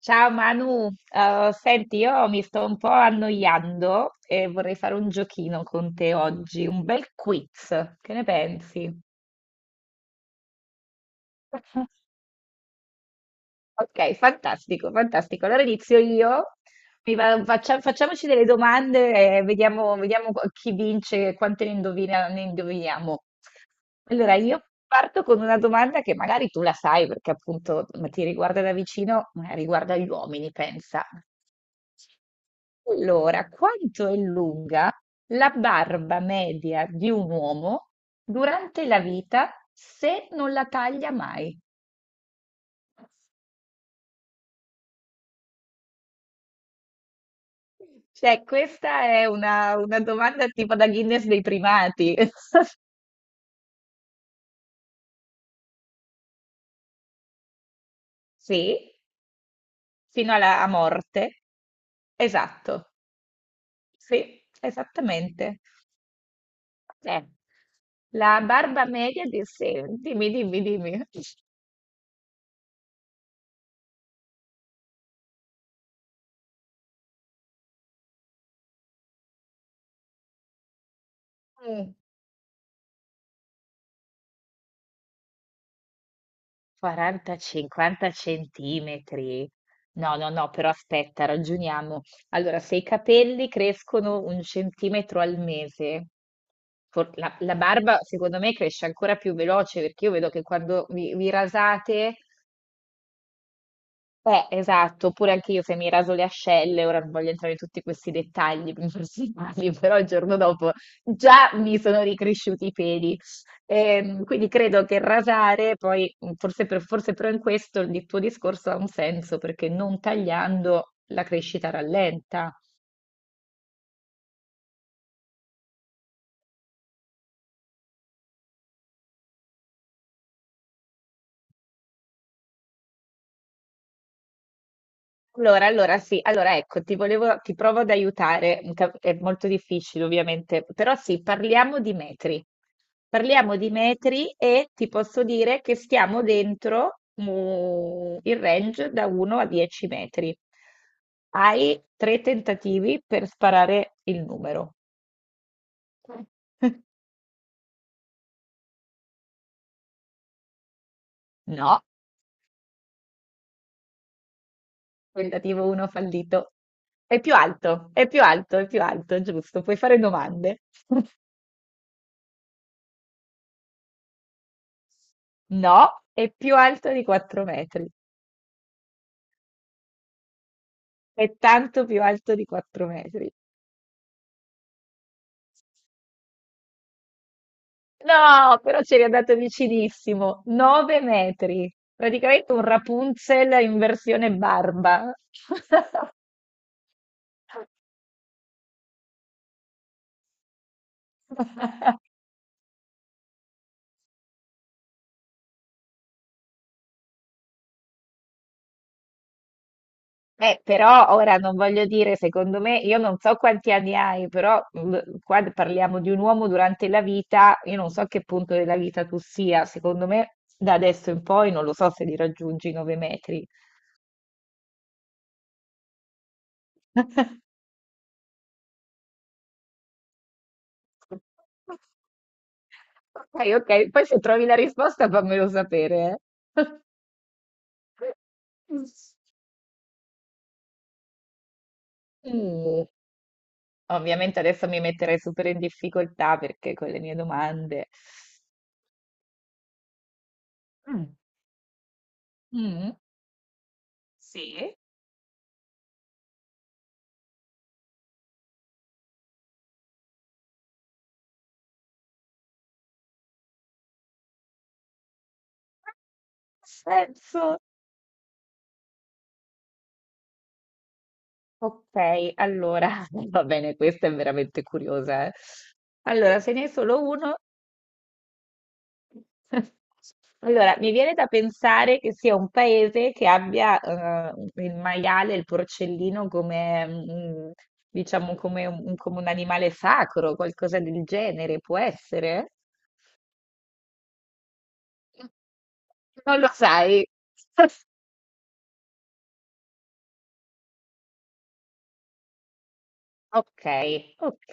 Ciao Manu. Senti, io mi sto un po' annoiando e vorrei fare un giochino con te oggi, un bel quiz. Che ne pensi? Ok, fantastico, fantastico. Allora inizio io. Facciamoci delle domande e vediamo chi vince e quante ne indoviniamo. Allora, io parto con una domanda che magari tu la sai perché appunto ma ti riguarda da vicino, ma riguarda gli uomini, pensa. Allora, quanto è lunga la barba media di un uomo durante la vita se non la taglia mai? Cioè, questa è una domanda tipo da Guinness dei primati. Sì, fino alla a morte. Esatto, sì, esattamente. Eh, la barba media di. Sì, dimmi, dimmi, dimmi. Mm. 40, 50 centimetri. No, no, no, però aspetta, ragioniamo. Allora, se i capelli crescono un centimetro al mese, la barba secondo me cresce ancora più veloce perché io vedo che quando vi rasate esatto, oppure anche io se mi raso le ascelle, ora non voglio entrare in tutti questi dettagli personali, però il giorno dopo già mi sono ricresciuti i peli. Quindi credo che rasare, poi forse però in questo il tuo discorso ha un senso, perché non tagliando la crescita rallenta. Allora sì, allora ecco, ti provo ad aiutare, è molto difficile ovviamente, però sì, parliamo di metri. Parliamo di metri e ti posso dire che stiamo dentro il range da 1 a 10 metri. Hai tre tentativi per sparare il numero. No, tentativo 1 fallito. È più alto, è più alto, è più alto, giusto. Puoi fare domande. No, è più alto di 4 metri. È tanto più alto di 4 metri. No, però c'eri andato vicinissimo. 9 metri. Praticamente un Rapunzel in versione barba. Però ora non voglio dire, secondo me, io non so quanti anni hai, però qua parliamo di un uomo durante la vita, io non so a che punto della vita tu sia, secondo me da adesso in poi non lo so se li raggiungi i 9 metri. Ok, ok, poi se trovi la risposta fammelo sapere, eh. Mm. Ovviamente adesso mi metterei super in difficoltà perché con le mie domande. Mm. Mm. Sì, senso. Ok, allora va bene, questa è veramente curiosa, eh. Allora, se ne è solo uno. Allora, mi viene da pensare che sia un paese che abbia il maiale, il porcellino come, diciamo, come un animale sacro, qualcosa del genere, può essere? Non lo sai. Ok, ok.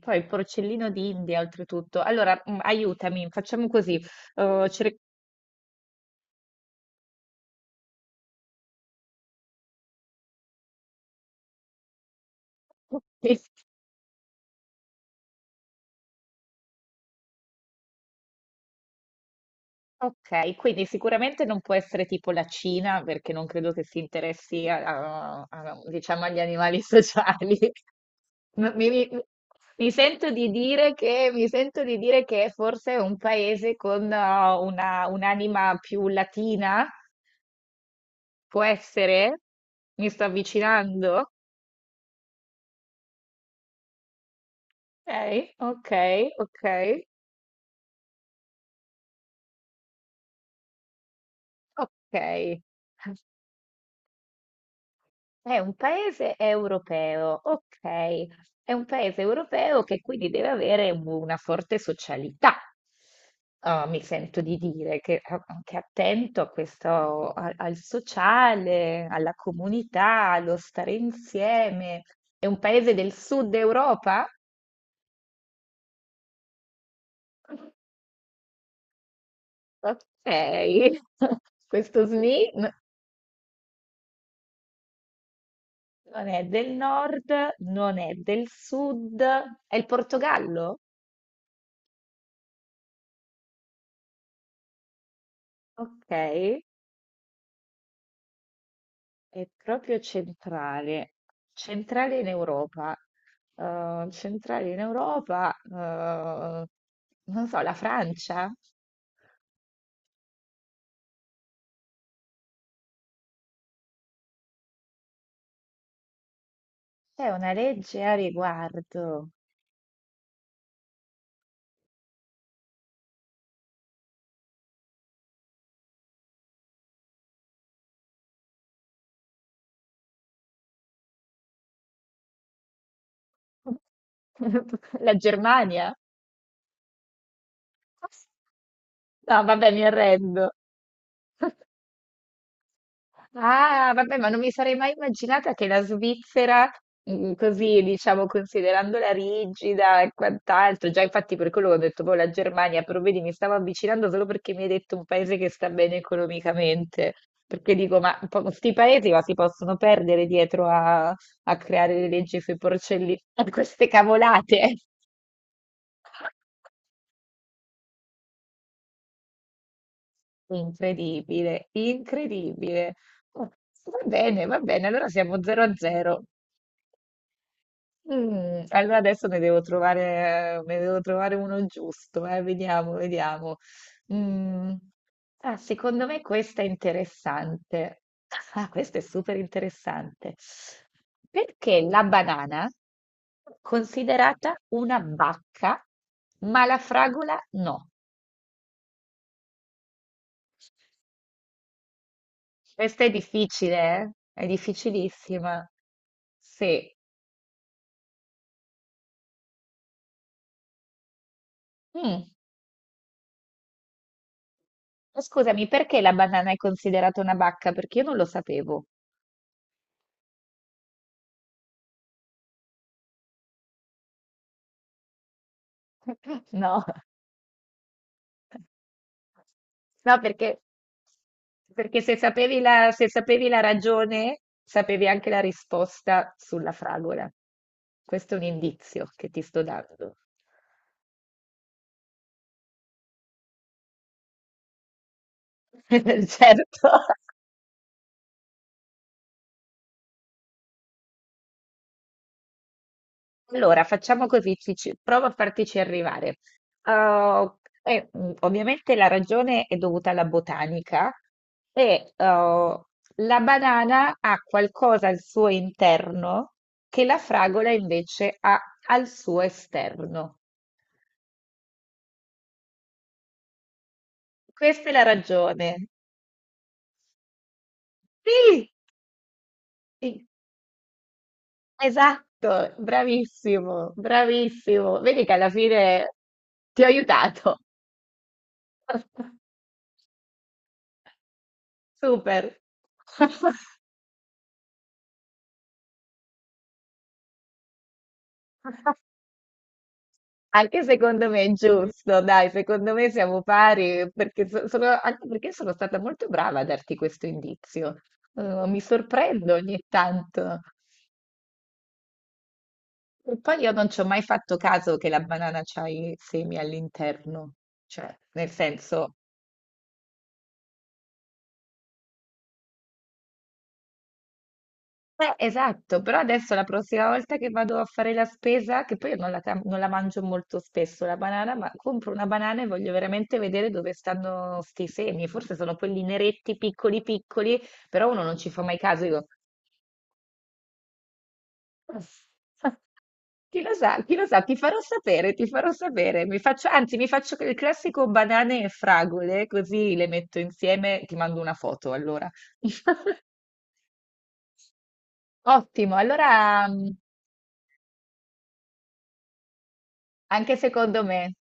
Poi il porcellino d'India, oltretutto. Allora, aiutami, facciamo così. Cerchiamo. Ok, quindi sicuramente non può essere tipo la Cina, perché non credo che si interessi diciamo, agli animali sociali. M- Mi, mi- mi sento di dire che forse è un paese con un'anima più latina, può essere? Mi sto avvicinando? Ok, ok, ok, ok. È un paese europeo, ok. È un paese europeo che quindi deve avere una forte socialità. Ah, mi sento di dire che anche attento a questo, al sociale, alla comunità, allo stare insieme. È un paese del sud Europa? Ok. Questo SMI non è del nord, non è del sud, è il Portogallo? Ok. È proprio centrale, centrale in Europa, eh, centrale in Europa, eh, non so, la Francia. C'è una legge a riguardo. La Germania. No, vabbè, mi arrendo. Ah, vabbè, ma non mi sarei mai immaginata che la Svizzera, così diciamo, considerandola rigida e quant'altro, già infatti per quello che ho detto, poi la Germania, però vedi, mi stavo avvicinando solo perché mi hai detto un paese che sta bene economicamente, perché dico, ma questi paesi ma si possono perdere dietro a creare le leggi sui porcellini, a queste cavolate. Incredibile, incredibile. Oh, va bene, va bene, allora siamo 0 a 0. Allora adesso ne devo trovare uno giusto, vediamo, vediamo. Mm, Secondo me questa è interessante. Ah, questa è super interessante. Perché la banana è considerata una bacca, ma la fragola no? Questa è difficile, eh? È difficilissima. Sì. Mm, Scusami, perché la banana è considerata una bacca? Perché io non lo sapevo. No, no, perché. Perché se sapevi la ragione, sapevi anche la risposta sulla fragola. Questo è un indizio che ti sto dando. Certo. Allora, facciamo così, provo a fartici arrivare. Uh, Ovviamente la ragione è dovuta alla botanica e la banana ha qualcosa al suo interno che la fragola invece ha al suo esterno. Questa è la ragione. Sì, sì, esatto, bravissimo, bravissimo. Vedi che alla fine ti ho aiutato. Super. Anche secondo me è giusto, dai, secondo me siamo pari, perché sono, anche perché sono stata molto brava a darti questo indizio. Mi sorprendo ogni tanto. E poi io non ci ho mai fatto caso che la banana c'ha i semi all'interno, cioè, nel senso. Esatto, però adesso la prossima volta che vado a fare la spesa, che poi io non la mangio molto spesso la banana, ma compro una banana e voglio veramente vedere dove stanno sti semi. Forse sono quelli neretti, piccoli piccoli, però uno non ci fa mai caso. Io dico. Chi lo sa, ti farò sapere, ti farò sapere. Mi faccio, anzi, mi faccio il classico banane e fragole, così le metto insieme, ti mando una foto allora. Ottimo, allora. Anche secondo me.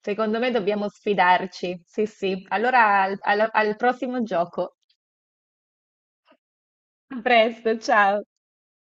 Secondo me dobbiamo sfidarci. Sì, sì. Allora al prossimo gioco. A presto, ciao.